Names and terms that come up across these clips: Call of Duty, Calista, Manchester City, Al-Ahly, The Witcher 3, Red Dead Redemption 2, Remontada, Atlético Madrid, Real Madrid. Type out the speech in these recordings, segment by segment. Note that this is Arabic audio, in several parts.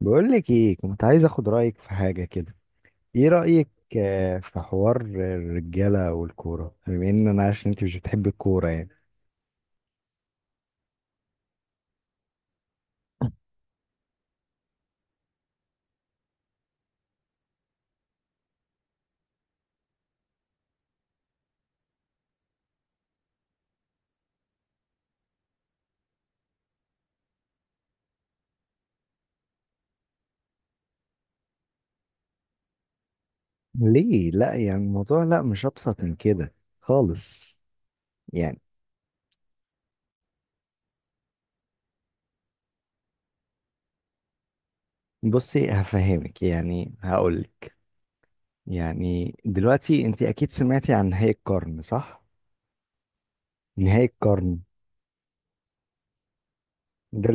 بقول لك ايه، كنت عايز اخد رايك في حاجه كده. ايه رايك؟ في حوار الرجاله والكوره، بما ان انا عارف ان انت مش بتحب الكوره يعني. ليه لا؟ يعني الموضوع، لا مش ابسط من كده خالص. يعني بصي هفهمك يعني هقولك، يعني دلوقتي انت اكيد سمعتي عن نهائي القرن صح؟ نهائي القرن ده.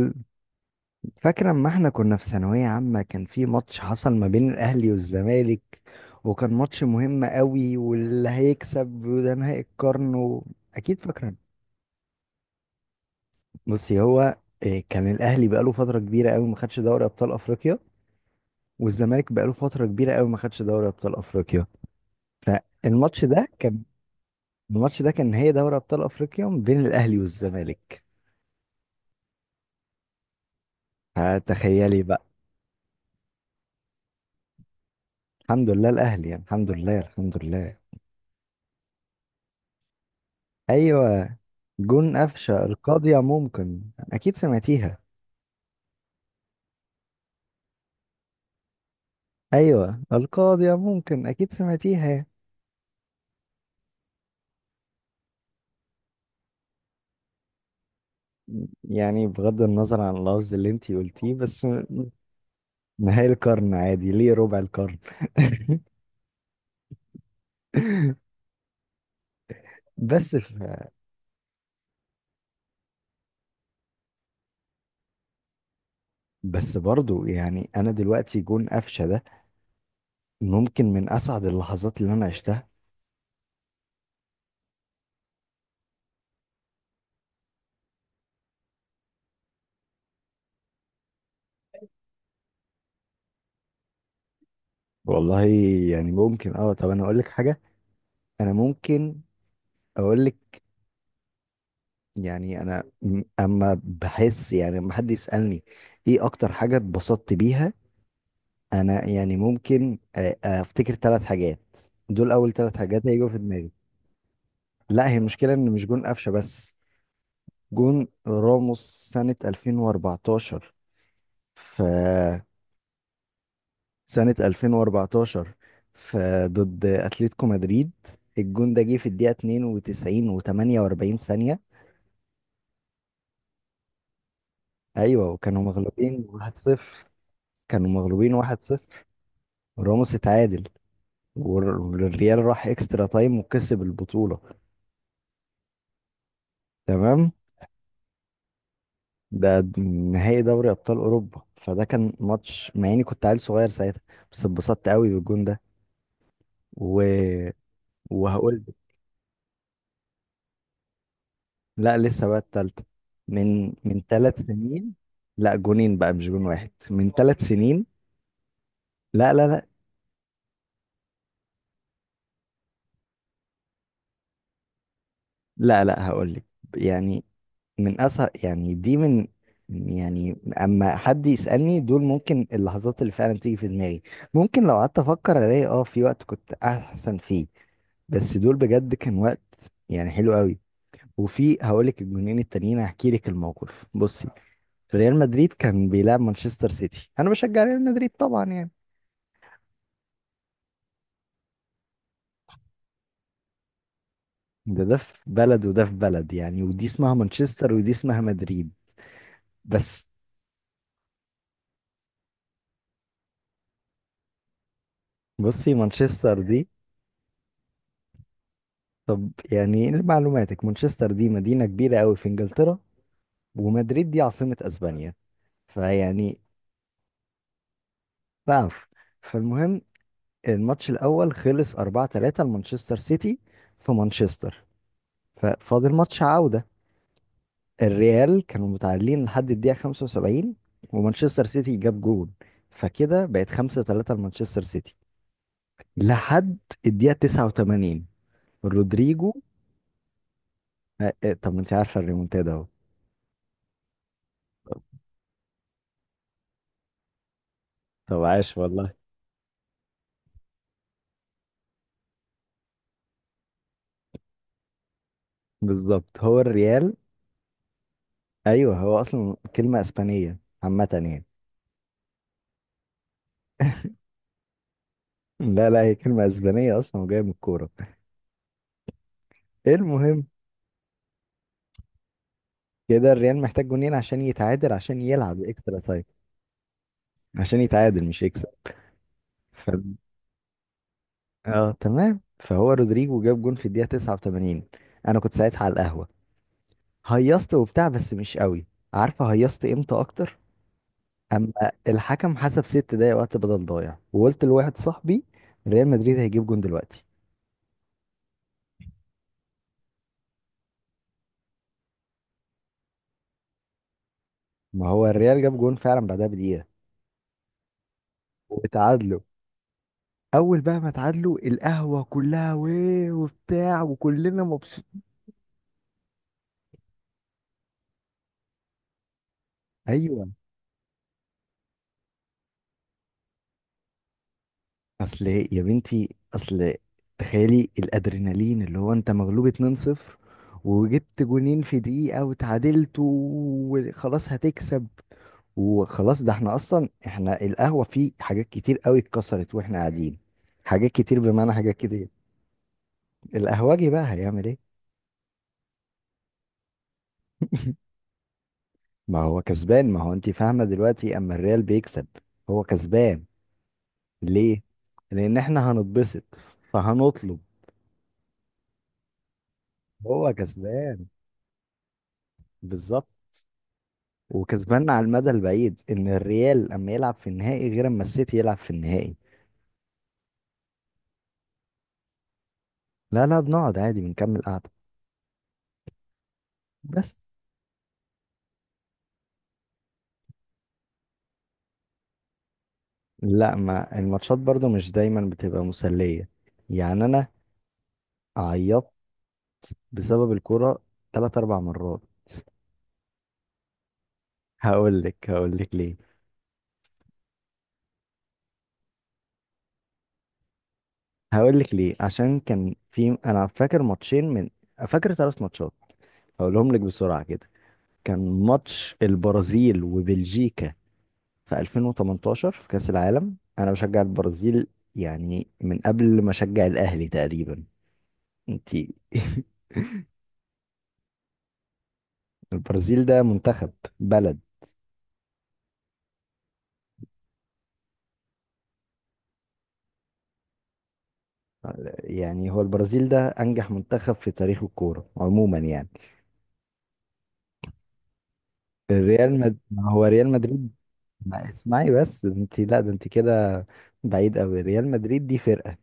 فاكر اما احنا كنا في ثانوية عامة، كان في ماتش حصل ما بين الاهلي والزمالك، وكان ماتش مهم قوي، واللي هيكسب وده نهائي القرن و... اكيد فاكرة. بصي هو إيه، كان الاهلي بقاله فترة كبيرة قوي ما خدش دوري ابطال افريقيا، والزمالك بقاله فترة كبيرة قوي ما خدش دوري ابطال افريقيا. الماتش ده كان الماتش ده كان نهائي دوري ابطال افريقيا ما بين الاهلي والزمالك. فتخيلي بقى. الحمد لله الاهلي، يعني الحمد لله الحمد لله. ايوه جون قفشة القاضية ممكن، أكيد سمعتيها. أيوة القاضية ممكن، أكيد سمعتيها. يعني بغض النظر عن اللفظ اللي انتي قلتيه بس م- نهاية القرن عادي، ليه ربع القرن؟ بس ف... بس برضو يعني أنا دلوقتي جون قفشة ده ممكن من أسعد اللحظات اللي أنا عشتها. والله يعني ممكن اه، طب أنا أقول لك حاجة، أنا ممكن أقول لك. يعني انا م- اما بحس يعني لما حد يسالني ايه اكتر حاجه اتبسطت بيها، انا يعني ممكن افتكر ثلاث حاجات. دول اول ثلاث حاجات هيجوا في دماغي. لا هي المشكله ان مش جون قفشه بس. جون راموس سنه 2014 ف سنه 2014، ف ضد اتلتيكو مدريد. الجون ده جه في الدقيقه 92 و48 ثانيه. ايوه وكانوا مغلوبين 1-0 كانوا مغلوبين 1-0. راموس اتعادل، والريال راح اكسترا تايم وكسب البطولة. تمام. ده نهائي دوري ابطال اوروبا، فده كان ماتش مع اني كنت عيل صغير ساعتها، بس اتبسطت قوي بالجون ده. و... وهقول. لا لسه بقى التالتة من ثلاث سنين. لا جونين بقى مش جون واحد، من ثلاث سنين. لا. لا هقول لك، يعني من أسهل، يعني دي من، يعني اما حد يسألني، دول ممكن اللحظات اللي فعلا تيجي في دماغي. ممكن لو قعدت افكر الاقي اه في وقت كنت احسن فيه، بس دول بجد كان وقت يعني حلو قوي. وفي هقولك الجونين التانيين، هحكي لك الموقف. بصي، ريال مدريد كان بيلعب مانشستر سيتي، انا بشجع ريال مدريد طبعا يعني. ده في بلد وده في بلد يعني، ودي اسمها مانشستر ودي اسمها مدريد. بس بصي مانشستر دي، طب يعني لمعلوماتك مانشستر دي مدينة كبيرة قوي في انجلترا، ومدريد دي عاصمة اسبانيا. فيعني بقف. فالمهم، الماتش الاول خلص 4-3 لمانشستر سيتي في مانشستر. ففاضل ماتش عودة. الريال كانوا متعادلين لحد الدقيقة 75، ومانشستر سيتي جاب جول، فكده بقت 5-3 لمانشستر سيتي. لحد الدقيقة 89، رودريجو. طب ما انت عارفة الريمونتادا اهو. طب عاش والله. بالظبط هو الريال. ايوه هو اصلا كلمه اسبانيه عامه يعني. لا هي كلمه اسبانيه اصلا وجايه من الكوره. المهم، كده الريال محتاج جونين عشان يتعادل، عشان يلعب اكسترا تايم. عشان يتعادل مش يكسب. ف... اه تمام. فهو رودريجو جاب جون في الدقيقه 89. انا كنت ساعتها على القهوه، هيصت وبتاع بس مش قوي. عارفه هيصت امتى اكتر؟ اما الحكم حسب ست دقايق وقت بدل ضايع، وقلت لواحد صاحبي ريال مدريد هيجيب جون دلوقتي. ما هو الريال جاب جون فعلا بعدها بدقيقه وتعادلوا. اول بقى ما اتعادلوا القهوه كلها ويه وبتاع وكلنا مبسوط. ايوه اصل يا بنتي اصل، تخيلي الادرينالين اللي هو انت مغلوب 2-0، وجبت جونين في دقيقه وتعادلت وخلاص هتكسب. وخلاص ده احنا اصلا، احنا القهوه فيه حاجات كتير قوي اتكسرت واحنا قاعدين. حاجات كتير بمعنى حاجات كتير. القهوجي بقى هيعمل ايه؟ ما هو كسبان، ما هو انت فاهمه دلوقتي اما الريال بيكسب هو كسبان. ليه؟ لأن إحنا هنتبسط، فهنطلب. هو كسبان بالظبط، وكسبان على المدى البعيد، إن الريال أما يلعب في النهائي غير أما السيتي يلعب في النهائي. لا بنقعد عادي بنكمل قعدة. بس لا، ما الماتشات برضو مش دايما بتبقى مسلية. يعني أنا عيطت بسبب الكورة تلات أربع مرات. هقول لك ليه. هقول لك ليه، عشان كان في، أنا فاكر ماتشين من فاكر ثلاث ماتشات، هقولهم لك بسرعة كده. كان ماتش البرازيل وبلجيكا في 2018 في كأس العالم، انا بشجع البرازيل يعني من قبل ما اشجع الاهلي تقريبا. انتي البرازيل ده منتخب، بلد. يعني هو البرازيل ده انجح منتخب في تاريخ الكورة عموما يعني. الريال مد... ما هو ريال مدريد، ما اسمعي بس انت، لا ده انت كده بعيد قوي. ريال مدريد دي فرقة،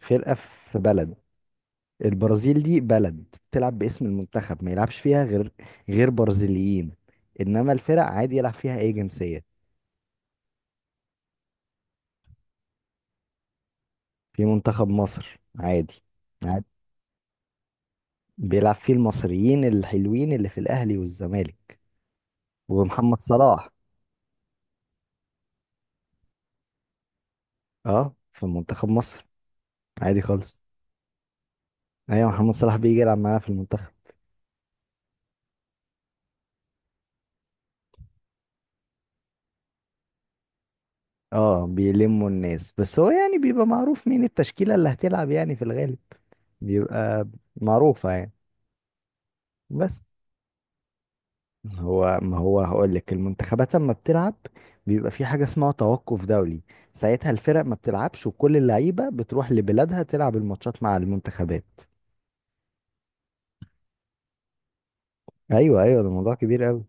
فرقة في بلد. البرازيل دي بلد، بتلعب باسم المنتخب، ما يلعبش فيها غير برازيليين، انما الفرق عادي يلعب فيها اي جنسية. في منتخب مصر عادي. عادي بيلعب فيه المصريين الحلوين اللي في الاهلي والزمالك ومحمد صلاح. اه في منتخب مصر عادي خالص. ايوه محمد صلاح بيجي يلعب معانا في المنتخب. اه بيلموا الناس، بس هو يعني بيبقى معروف مين التشكيلة اللي هتلعب يعني في الغالب، بيبقى معروفة يعني. بس هو ما هو هقول لك، المنتخبات لما بتلعب بيبقى في حاجة اسمها توقف دولي. ساعتها الفرق ما بتلعبش، وكل اللعيبة بتروح لبلادها تلعب الماتشات مع المنتخبات. ايوه ده موضوع كبير قوي.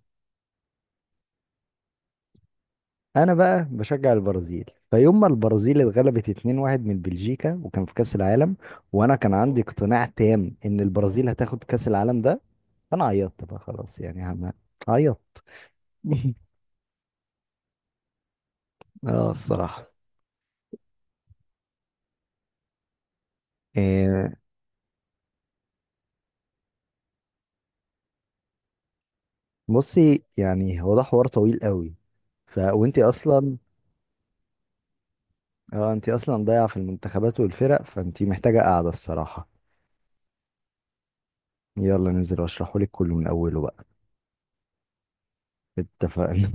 انا بقى بشجع البرازيل، فيوم ما البرازيل اتغلبت 2-1 من بلجيكا وكان في كأس العالم، وانا كان عندي اقتناع تام ان البرازيل هتاخد كأس العالم ده، انا عيطت بقى خلاص يعني عم- عيطت. اه الصراحة. بصي يعني هو ده حوار طويل قوي، ف وانتي اصلا، اه انتي اصلا ضايعه في المنتخبات والفرق، فانتي محتاجه قاعده الصراحه. يلا ننزل واشرحهولك كله من اوله بقى. اتفقنا.